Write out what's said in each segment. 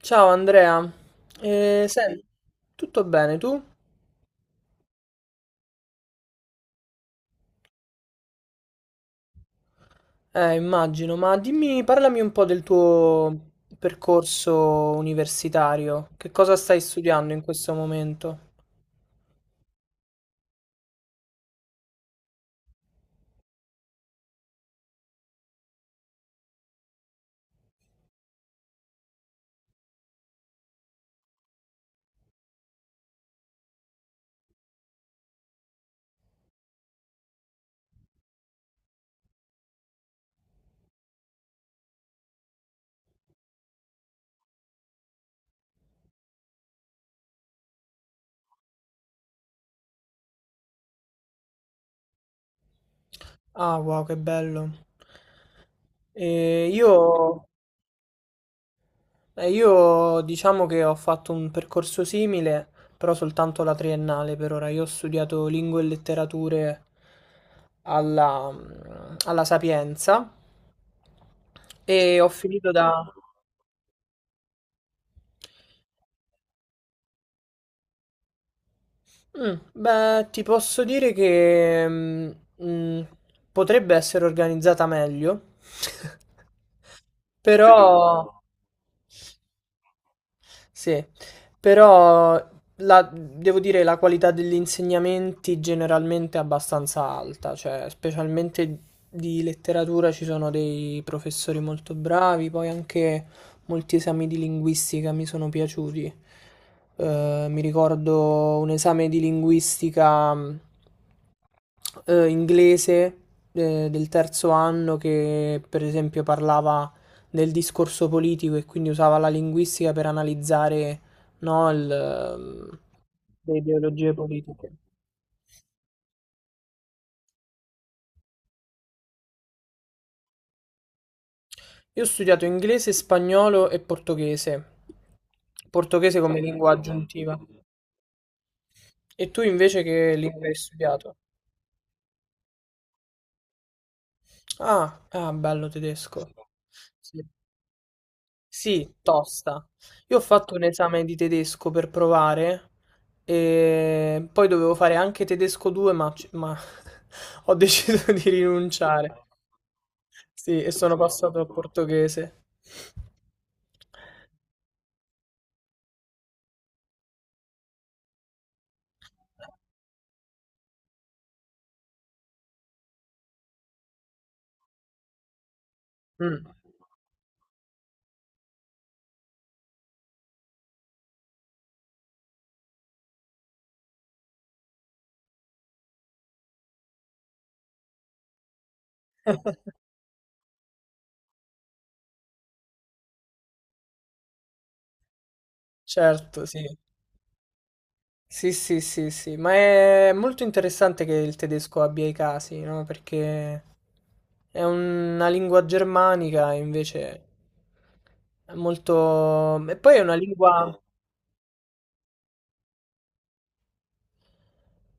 Ciao Andrea, senti, tutto bene tu? Immagino, ma dimmi, parlami un po' del tuo percorso universitario. Che cosa stai studiando in questo momento? Ah, wow, che bello. Eh, io, io diciamo che ho fatto un percorso simile, però soltanto la triennale per ora. Io ho studiato lingue e letterature alla, alla Sapienza e ho finito da... Mm, beh, ti posso dire che mm, potrebbe essere organizzata meglio, però Secondo? Sì, però devo dire la qualità degli insegnamenti generalmente è abbastanza alta, cioè specialmente di letteratura ci sono dei professori molto bravi, poi anche molti esami di linguistica mi sono piaciuti. Mi ricordo un esame di linguistica inglese del terzo anno che per esempio parlava del discorso politico e quindi usava la linguistica per analizzare, no, le ideologie politiche. Io ho studiato inglese, spagnolo e portoghese, portoghese come lingua aggiuntiva. E tu invece che lingua hai studiato? Ah, ah, bello tedesco. Sì. Sì, tosta. Io ho fatto un esame di tedesco per provare e poi dovevo fare anche tedesco 2, ma, ho deciso di rinunciare. Sì, e sono passato al portoghese. Mm, certo, sì. Sì, sì, sì, sì, ma è molto interessante che il tedesco abbia i casi, no? Perché è una lingua germanica, invece è molto... E poi è una lingua...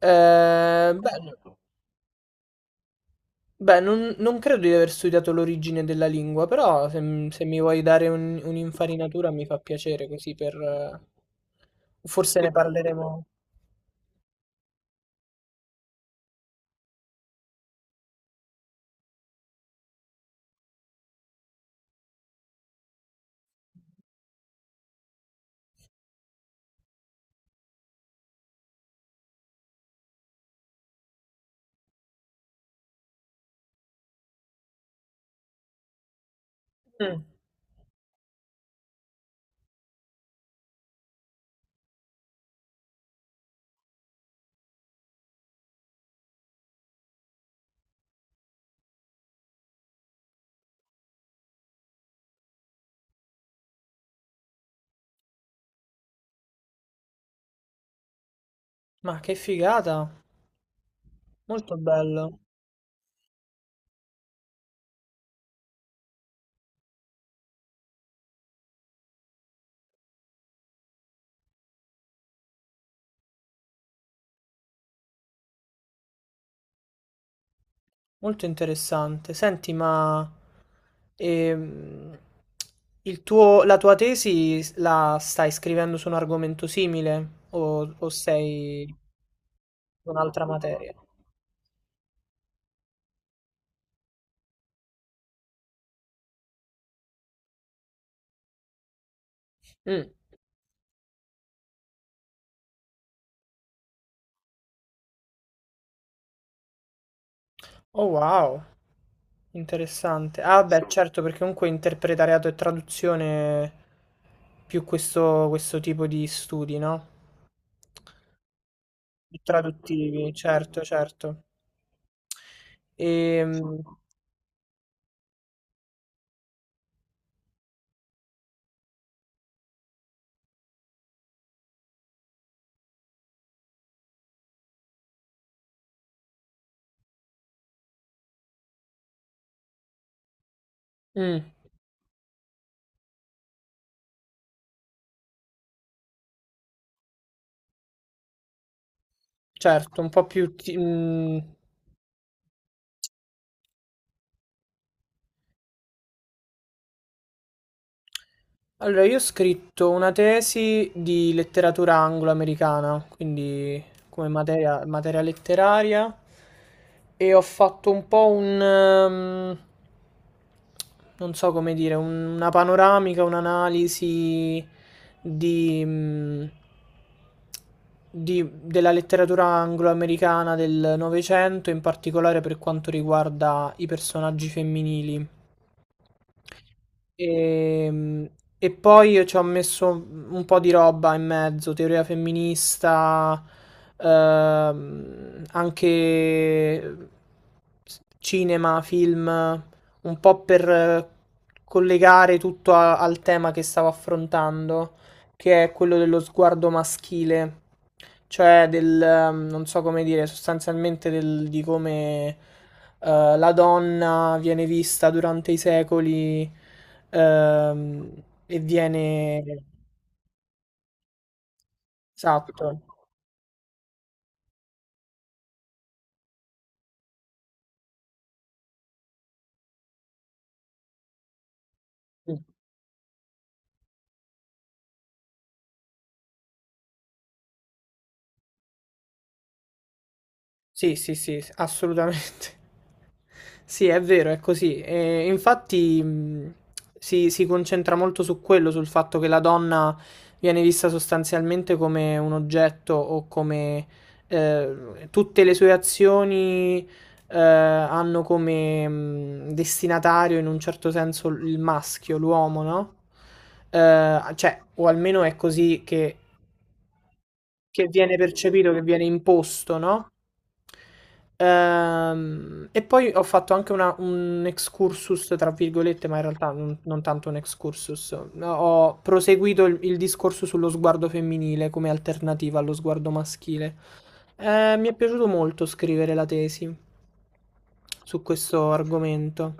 eh, beh, non credo di aver studiato l'origine della lingua, però se mi vuoi dare un'infarinatura mi fa piacere così per... forse ne parleremo. Mm. Ma che figata, molto bello. Molto interessante. Senti, ma ehm, la tua tesi la stai scrivendo su un argomento simile o sei su un'altra materia? Mm. Oh wow, interessante. Ah beh, certo, perché comunque interpretariato e traduzione più questo, questo tipo di studi, no? Più traduttivi, certo, certo. E, certo, un po' più... Allora, io ho scritto una tesi di letteratura anglo-americana, quindi come materia, materia letteraria, e ho fatto un po' non so come dire, una panoramica, un'analisi di, mh, della letteratura anglo-americana del Novecento, in particolare per quanto riguarda i personaggi femminili. E, e poi io ci ho messo un po' di roba in mezzo, teoria femminista, anche cinema, film, un po' per collegare tutto al tema che stavo affrontando, che è quello dello sguardo maschile, cioè non so come dire, sostanzialmente di come la donna viene vista durante i secoli e viene... Esatto. Sì, sì, sì, assolutamente. Sì, è vero, è così. E infatti si concentra molto su quello, sul fatto che la donna viene vista sostanzialmente come un oggetto o come tutte le sue azioni hanno come destinatario in un certo senso il maschio, l'uomo, no? Cioè, o almeno è che viene percepito, che viene imposto, no? E poi ho fatto anche un excursus, tra virgolette, ma in realtà non tanto un excursus. No, ho proseguito il discorso sullo sguardo femminile come alternativa allo sguardo maschile. Mi è piaciuto molto scrivere la tesi su questo argomento.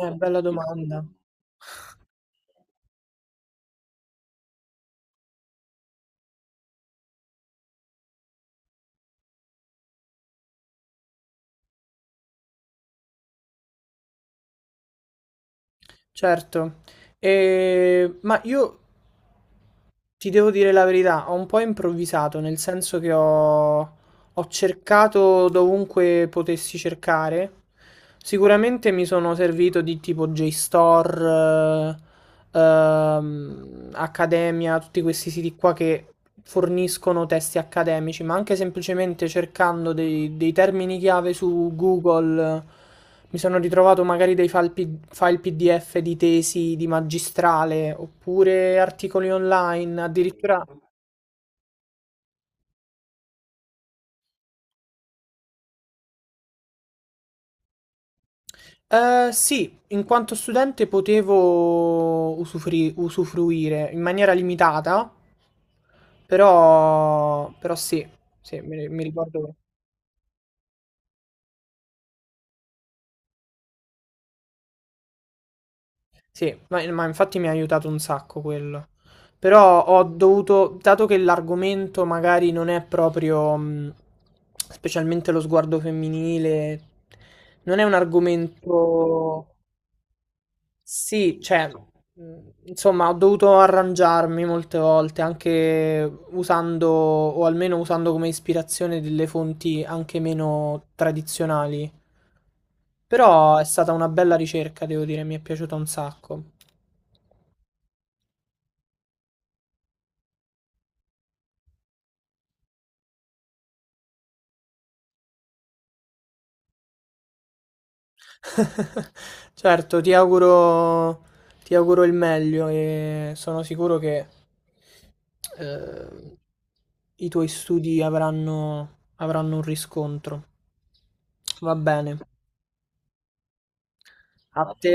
Bella domanda. Certo. Ma io Ti devo dire la verità, ho un po' improvvisato, nel senso ho cercato dovunque potessi cercare. Sicuramente mi sono servito di tipo JSTOR, Accademia, tutti questi siti qua che forniscono testi accademici, ma anche semplicemente cercando dei termini chiave su Google, mi sono ritrovato magari file PDF di tesi di magistrale oppure articoli online, addirittura. Sì, in quanto studente potevo usufruire in maniera limitata, però, però sì, mi ricordo. Sì, ma infatti mi ha aiutato un sacco quello. Però ho dovuto, dato che l'argomento magari non è proprio, specialmente lo sguardo femminile, non è un argomento... Sì, cioè, mh, insomma, ho dovuto arrangiarmi molte volte, anche usando, o almeno usando come ispirazione delle fonti anche meno tradizionali. Però è stata una bella ricerca, devo dire, mi è piaciuta un sacco. Certo, ti auguro il meglio e sono sicuro che eh, i tuoi avranno un riscontro. Va bene. A te.